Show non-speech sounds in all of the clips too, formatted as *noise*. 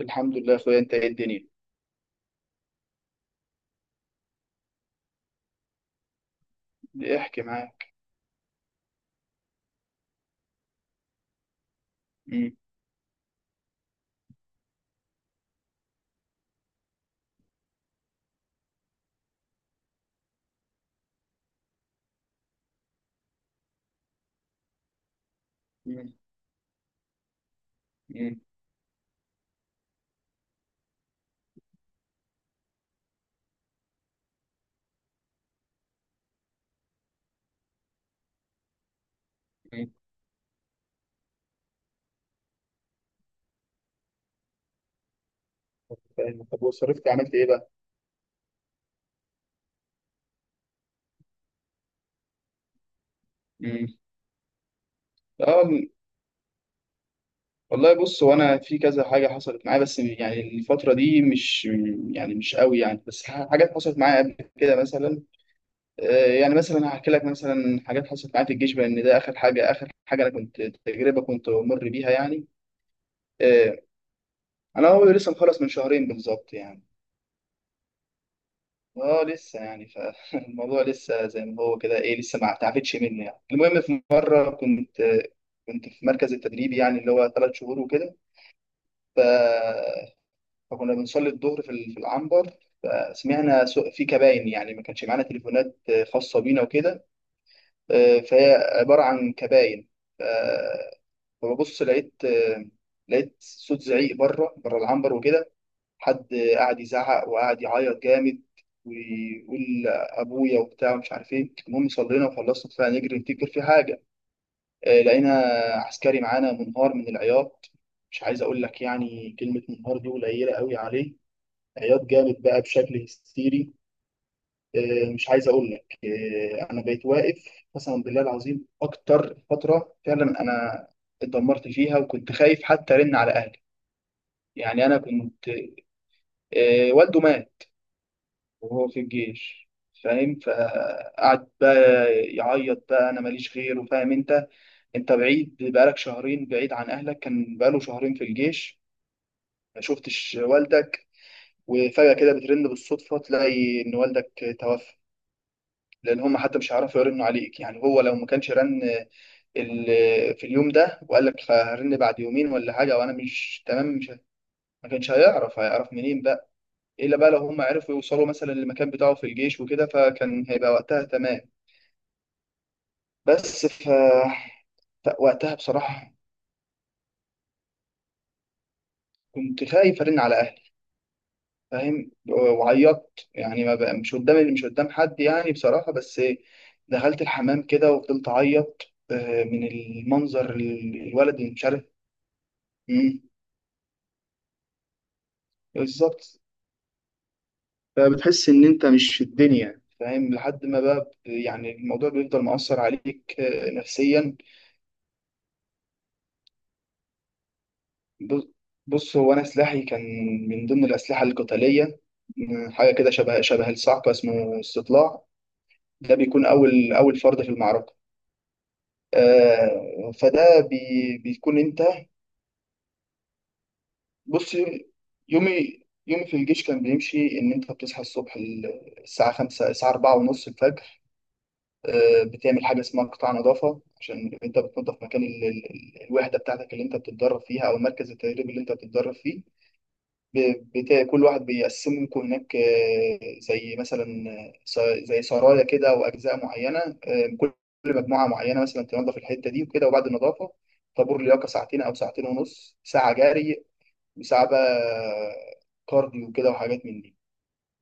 الحمد لله يا اخويا، انت ايه الدنيا. احكي معاك. مم. مم. مم. مم. فاهم. طب وصرفت عملت ايه بقى؟ مم. اه والله بص، وانا في كذا حاجه حصلت معايا، بس يعني الفتره دي مش يعني مش قوي يعني. بس حاجات حصلت معايا قبل كده مثلا. يعني مثلا هحكي لك مثلا حاجات حصلت معايا في الجيش، لان ده اخر حاجه انا كنت تجربه كنت مر بيها يعني. آه، انا هو لسه مخلص من شهرين بالظبط يعني. اه لسه يعني، فالموضوع *laughs* لسه زي ما هو كده، ايه، لسه ما تعبتش مني يعني. المهم في مره كنت في مركز التدريب، يعني اللي هو 3 شهور وكده. ف... فكنا بنصلي الظهر في في العنبر. فسمعنا في كباين، يعني ما كانش معانا تليفونات خاصه بينا وكده. فهي عباره عن كباين. ف... فببص لقيت صوت زعيق بره بره العنبر وكده. حد قعد يزعق وقعد يعيط جامد، ويقول ابويا وبتاع ومش عارف ايه. المهم صلينا وخلصنا، طلعنا نجري نفتكر في حاجه. لقينا عسكري معانا منهار من العياط. مش عايز اقول لك يعني، كلمه منهار دي قليله قوي عليه. عياط جامد بقى بشكل هستيري. مش عايز اقول لك. انا بقيت واقف، قسما بالله العظيم اكتر فتره فعلا انا اتدمرت فيها، وكنت خايف حتى ارن على اهلي. يعني انا كنت، والده مات وهو في الجيش، فاهم. فقعد بقى يعيط بقى، انا ماليش غيره، فاهم انت، انت بعيد بقالك شهرين، بعيد عن اهلك. كان بقاله شهرين في الجيش ما شفتش والدك، وفجأة كده بترن بالصدفة تلاقي ان والدك توفى. لان هم حتى مش هيعرفوا يرنوا عليك يعني، هو لو ما كانش رن في اليوم ده، وقال لك هرن بعد يومين ولا حاجة، وانا مش تمام، مش ه- ما كانش هيعرف، هيعرف منين بقى؟ الا بقى لو هم عرفوا يوصلوا مثلا للمكان بتاعه في الجيش وكده، فكان هيبقى وقتها تمام. بس فوقتها بصراحة كنت خايف أرن على أهلي، فاهم. وعيطت يعني، ما بقى مش قدام حد يعني بصراحة، بس دخلت الحمام كده وفضلت أعيط. من المنظر الولد اللي مش عارف. مم، بالظبط. فبتحس إن أنت مش في الدنيا فاهم، لحد ما بقى يعني الموضوع بيفضل مؤثر عليك نفسيا. ب- بص، هو أنا سلاحي كان من ضمن الأسلحة القتالية. حاجة كده شبه شبه الصعقة، اسمه استطلاع. ده بيكون اول اول فرد في المعركه. آه فده بي بيكون انت، بص، يومي، يومي في الجيش كان بيمشي ان انت بتصحى الصبح، الساعه 5، الساعه 4 ونص الفجر. آه بتعمل حاجه اسمها قطاع نظافه، عشان انت بتنظف مكان الوحده بتاعتك اللي انت بتتدرب فيها، او مركز التدريب اللي انت بتتدرب فيه. كل واحد بيقسموا لكم هناك، زي مثلا زي سرايا كده، او اجزاء معينه. كل مجموعه معينه مثلا تنظف الحته دي وكده. وبعد النظافه، طابور لياقه ساعتين او ساعتين ونص، ساعه جري وساعه بقى كارديو كده وحاجات من دي.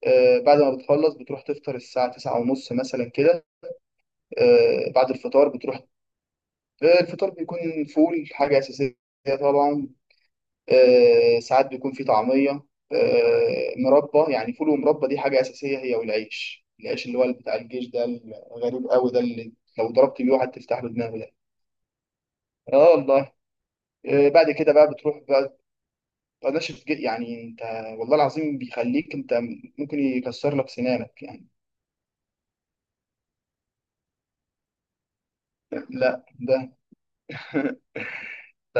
بعد ما بتخلص بتروح تفطر الساعه 9:30 مثلا كده. بعد الفطار بتروح، الفطار بيكون فول، حاجه اساسيه طبعا. ساعات بيكون في طعمية، مربى. يعني فول ومربى دي حاجة أساسية هي والعيش. العيش اللي هو بتاع الجيش ده، الغريب قوي ده، اللي لو ضربت بيه واحد تفتح له دماغه ده. اه والله. بعد كده بقى بتروح بقى. بلاش يعني انت، والله العظيم بيخليك انت ممكن يكسر لك سنانك يعني. لا ده ف...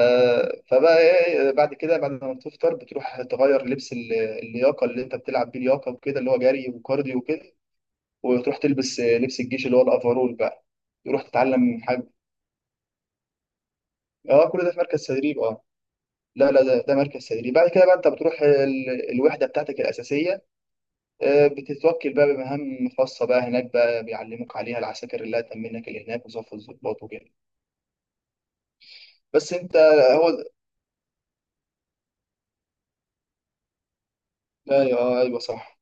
فبقى ايه، إيه، بعد كده بعد ما بتفطر بتروح تغير لبس اللياقه اللي انت بتلعب بيه لياقه وكده، اللي هو جري وكارديو وكده. وتروح تلبس لبس الجيش اللي هو الافرول بقى، تروح تتعلم حاجه. اه كل ده في مركز تدريب، اه. لا لا، ده ده مركز تدريب. بعد كده بقى انت بتروح الوحده بتاعتك الاساسيه. بتتوكل بقى بمهام خاصه بقى هناك بقى، بيعلموك عليها العساكر اللي هتأمنك اللي هناك، وصف الضباط وكده. بس انت. هو ايوه، ايوه صح.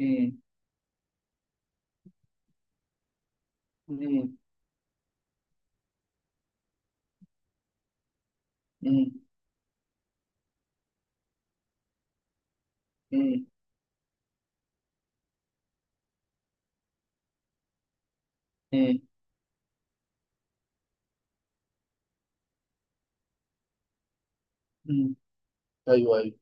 امم. امم. امم. امم. امم. ايوه ايوه.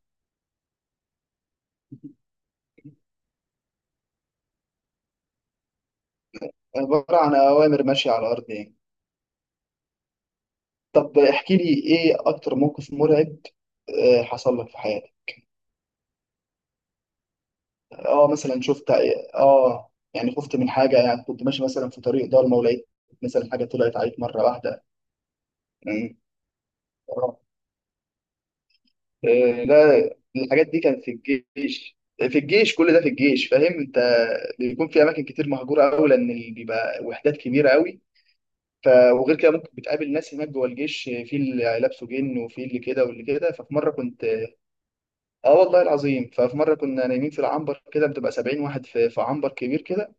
عباره عن اوامر ماشيه على الارض يعني. طب احكي لي ايه اكتر موقف مرعب حصل لك في حياتك؟ اه مثلا شفت. اه يعني خفت من حاجه يعني، كنت ماشي مثلا في طريق ضلمه ولقيت مثلا حاجه طلعت عليك مره واحده يعني. آه، آه، لا، الحاجات دي كانت في الجيش. في الجيش كل ده، في الجيش، فاهم انت. بيكون في اماكن كتير مهجوره قوي، لان بيبقى وحدات كبيره قوي. ف، وغير كده ممكن بتقابل ناس هناك جوه الجيش، في اللي لابسه جن وفي اللي كده واللي كده. ففي مره كنت، اه والله العظيم، ففي مره كنا نايمين في العنبر كده، بتبقى 70 واحد في عنبر كبير كده.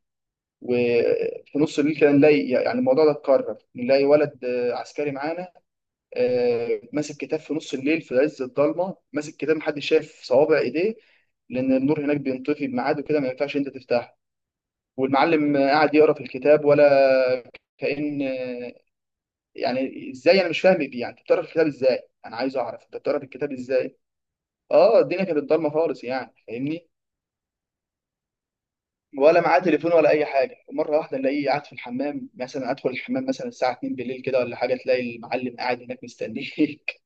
وفي نص الليل كده نلاقي، يعني الموضوع ده اتكرر، نلاقي ولد عسكري معانا، ماسك كتاب في نص الليل في عز الضلمه، ماسك كتاب محدش شايف صوابع ايديه، لان النور هناك بينطفي بميعاد وكده، ما ينفعش انت تفتحه. والمعلم قاعد يقرا في الكتاب، ولا كأن يعني ازاي؟ انا مش فاهم بيه يعني، انت بتقرا في الكتاب ازاي؟ انا عايز اعرف انت بتقرا في الكتاب ازاي. اه الدنيا كانت ضلمه خالص يعني، فاهمني. ولا معاه تليفون ولا اي حاجه. ومره واحده الاقيه قاعد في الحمام مثلا، ادخل الحمام مثلا الساعه 2 بالليل كده ولا حاجه، تلاقي المعلم قاعد هناك مستنيك.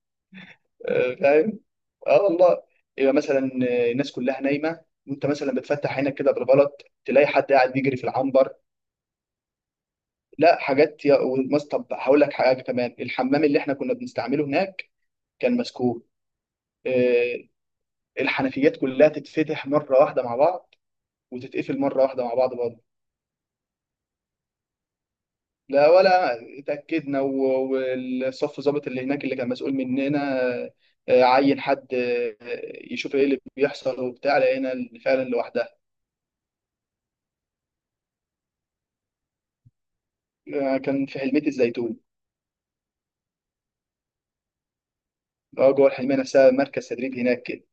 *laughs* فاهم. اه والله. يبقى مثلا الناس كلها نايمه، وانت مثلا بتفتح عينك كده بالغلط تلاقي حد قاعد بيجري في العنبر. لا حاجات طب هقول لك حاجه كمان. الحمام اللي احنا كنا بنستعمله هناك كان مسكون. آه، الحنفيات كلها تتفتح مره واحده مع بعض، وتتقفل مره واحده مع بعض. لا، ولا اتأكدنا، والصف ضابط اللي هناك اللي كان مسؤول مننا عين حد يشوف ايه اللي بيحصل وبتاع، لقينا فعلا لوحدها. كان في حلمية الزيتون. اه جوه الحلمية نفسها، مركز تدريب هناك كده.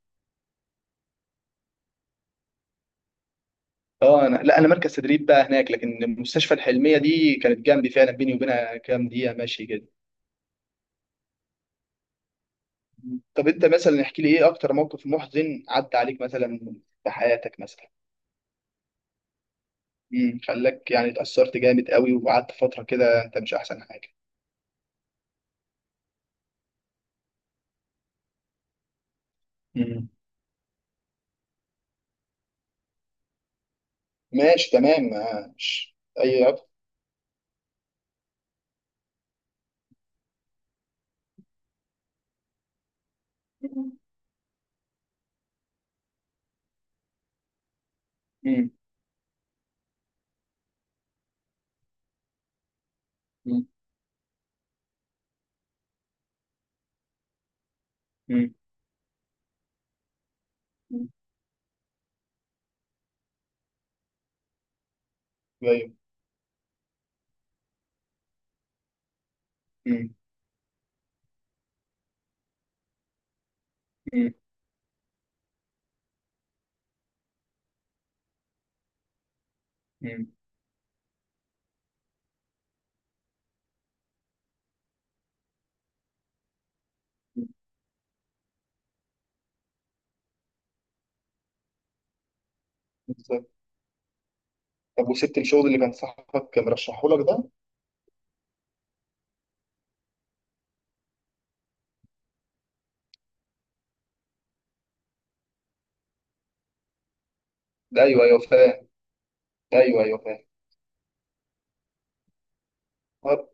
اه انا، لا انا مركز تدريب بقى هناك، لكن مستشفى الحلمية دي كانت جنبي فعلا، بيني وبينها كام دقيقة ماشي كده. طب انت مثلا احكي لي، ايه اكتر موقف محزن عدى عليك مثلا في حياتك مثلا؟ امم، خلاك يعني اتأثرت جامد قوي، وقعدت فترة كده انت مش احسن حاجة. مم. ماشي تمام، ماشي اي رقم. مم. مم. مم. مم. ايوه. مم. مم. مم. بالظبط. طب وسبت الشغل اللي كان صاحبك مرشحه لك ده؟ ده ايوه ايوه فاهم. ايوه ايوه فاهم. طب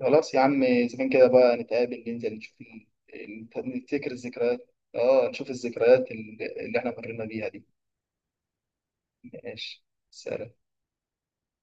خلاص يا عم، اذا كان كده بقى نتقابل، ننزل نشوف ال- نفتكر الذكريات. اه نشوف الذكريات اللي احنا مرينا بيها دي. ماشي. سلام.